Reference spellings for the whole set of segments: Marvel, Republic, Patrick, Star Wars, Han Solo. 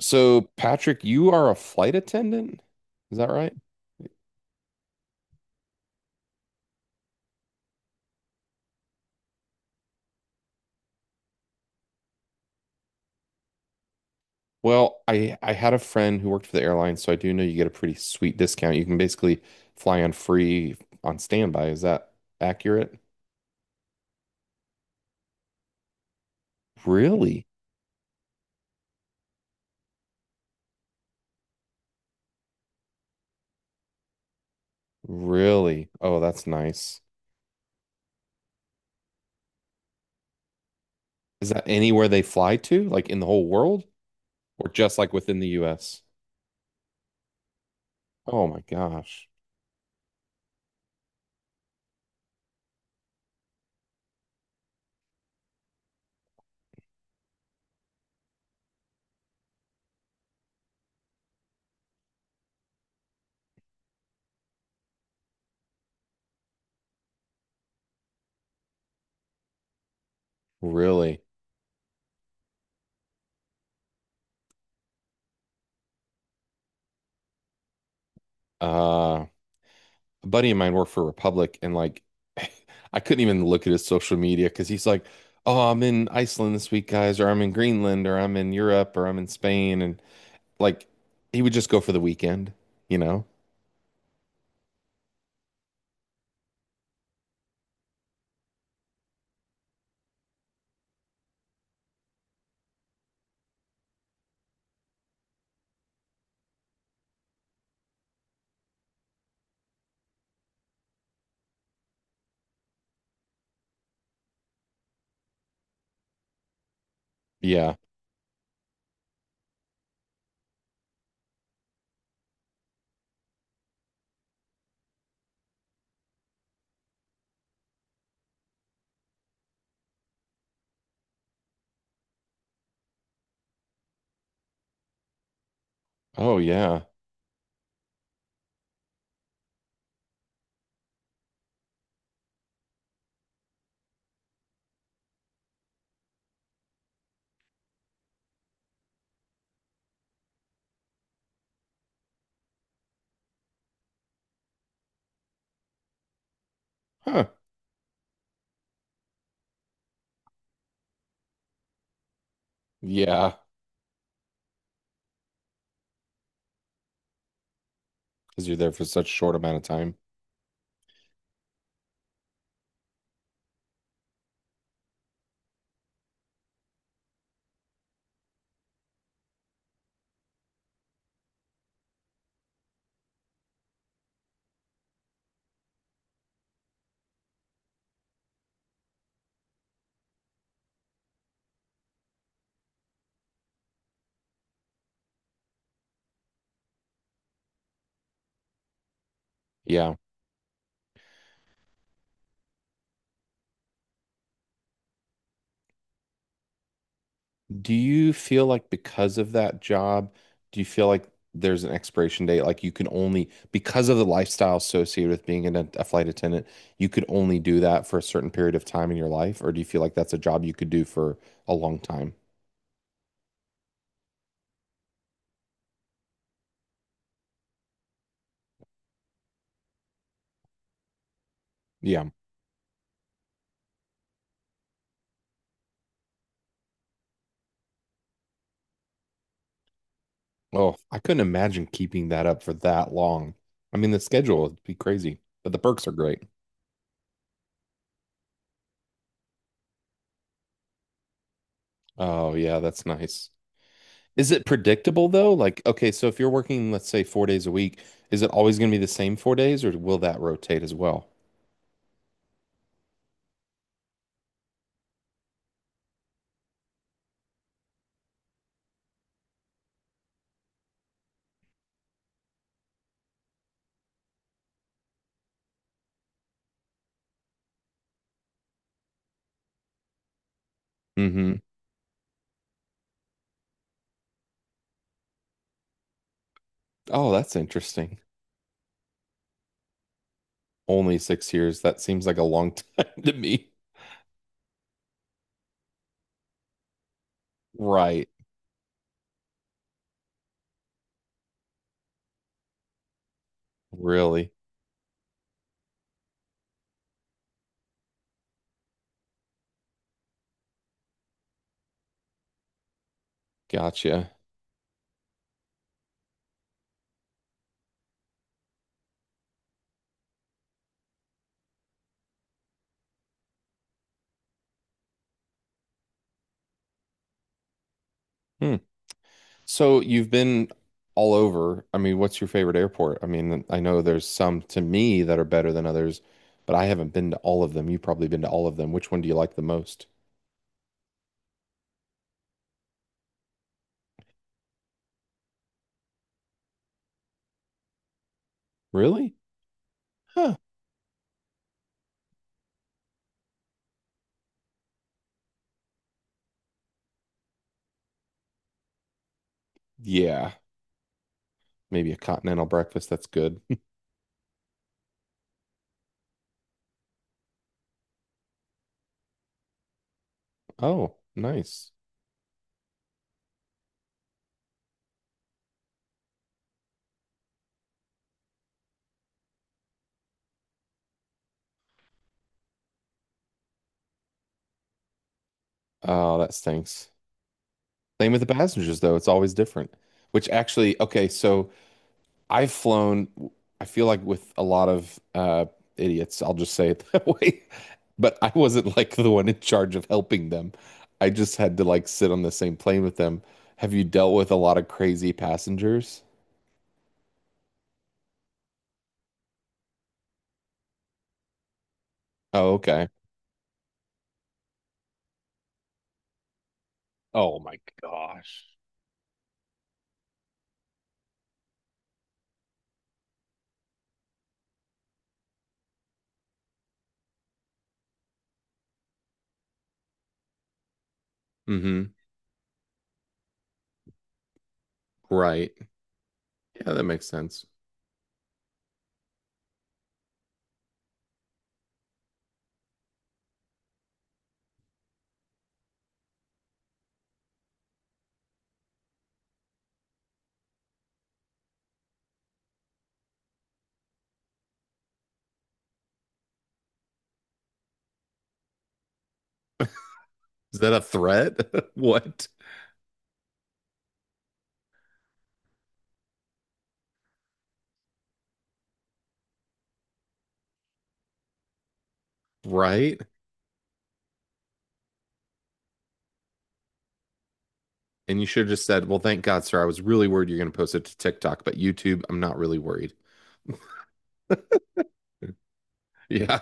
So, Patrick, you are a flight attendant? Is that right? Well, I had a friend who worked for the airline, so I do know you get a pretty sweet discount. You can basically fly on free on standby. Is that accurate? Really? Really? Oh, that's nice. Is that anywhere they fly to? Like in the whole world? Or just like within the US? Oh my gosh. Really? Uh a buddy of mine worked for Republic and like I couldn't even look at his social media because he's like, oh, I'm in Iceland this week, guys, or I'm in Greenland, or I'm in Europe, or I'm in Spain. And like he would just go for the weekend, you know? Yeah. Oh, yeah. Huh. Yeah. Because you're there for such a short amount of time. Yeah. Do you feel like because of that job, do you feel like there's an expiration date? Like you can only, because of the lifestyle associated with being a flight attendant, you could only do that for a certain period of time in your life? Or do you feel like that's a job you could do for a long time? Yeah. Oh, I couldn't imagine keeping that up for that long. I mean, the schedule would be crazy, but the perks are great. Oh, yeah, that's nice. Is it predictable though? Like, okay, so if you're working, let's say 4 days a week, is it always going to be the same 4 days or will that rotate as well? Hmm. Oh, that's interesting. Only 6 years. That seems like a long time to me. Right. Really? Gotcha. Hmm. So you've been all over. I mean, what's your favorite airport? I mean, I know there's some to me that are better than others, but I haven't been to all of them. You've probably been to all of them. Which one do you like the most? Really? Huh. Yeah. Maybe a continental breakfast. That's good. Oh, nice. Oh, that stinks. Same with the passengers, though. It's always different. Which actually, okay, so I've flown, I feel like with a lot of idiots, I'll just say it that way. But I wasn't like the one in charge of helping them. I just had to like sit on the same plane with them. Have you dealt with a lot of crazy passengers? Oh, okay. Oh my gosh. Mm-hmm. Right. Yeah, that makes sense. Is that a threat? What? Right? And you should have just said, well, thank God, sir. I was really worried you're going to post it to TikTok, but YouTube, I'm not really worried. Yeah.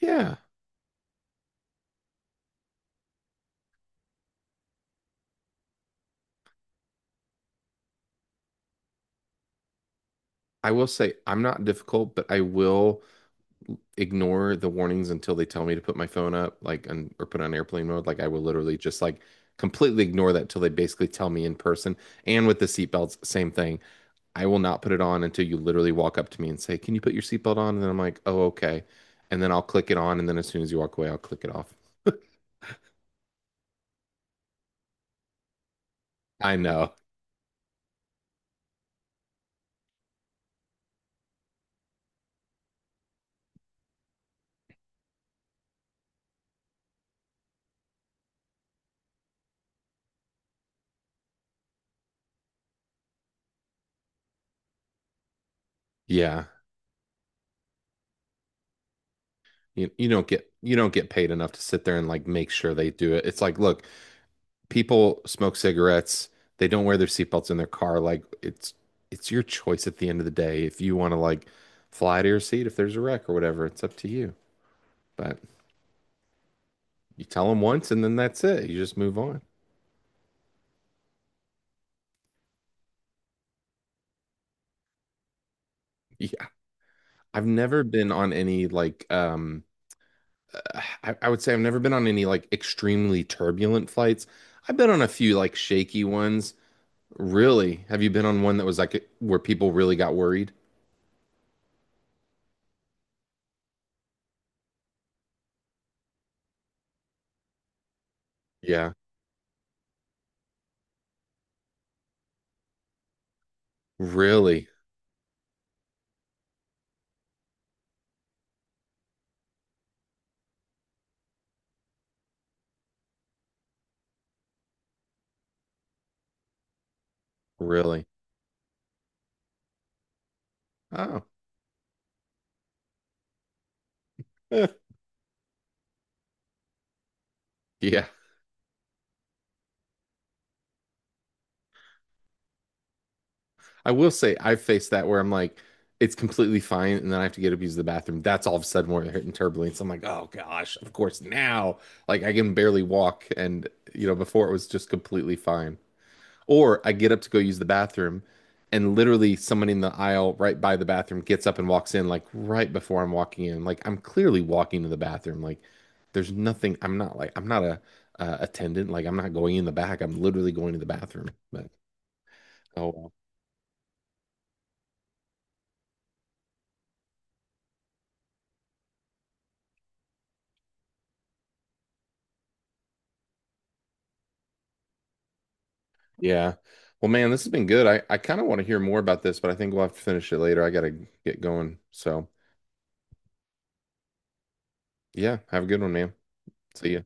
Yeah. I will say I'm not difficult, but I will ignore the warnings until they tell me to put my phone up, like, and, or put it on airplane mode. Like, I will literally just like completely ignore that till they basically tell me in person. And with the seatbelts, same thing. I will not put it on until you literally walk up to me and say, can you put your seatbelt on? And then I'm like, oh, okay. And then I'll click it on. And then as soon as you walk away, I'll click it off. I know. Yeah. You don't get paid enough to sit there and like make sure they do it. It's like, look, people smoke cigarettes, they don't wear their seatbelts in their car. Like it's your choice at the end of the day if you want to like fly to your seat if there's a wreck or whatever. It's up to you. But you tell them once and then that's it. You just move on. Yeah, I've never been on any like I would say I've never been on any like extremely turbulent flights. I've been on a few like shaky ones. Really? Have you been on one that was like where people really got worried? Yeah. Really? Really? Oh. Eh. Yeah. I will say I've faced that where I'm like, it's completely fine, and then I have to get up to use the bathroom. That's all of a sudden where they're hitting turbulence. I'm like, oh gosh, of course now. Like I can barely walk, and you know, before it was just completely fine. Or I get up to go use the bathroom, and literally someone in the aisle right by the bathroom gets up and walks in, like right before I'm walking in. Like I'm clearly walking to the bathroom. Like there's nothing. I'm not like I'm not a attendant. Like I'm not going in the back. I'm literally going to the bathroom. But oh well. Yeah. Well, man, this has been good. I kind of want to hear more about this, but I think we'll have to finish it later. I gotta get going. So yeah, have a good one, man. See ya.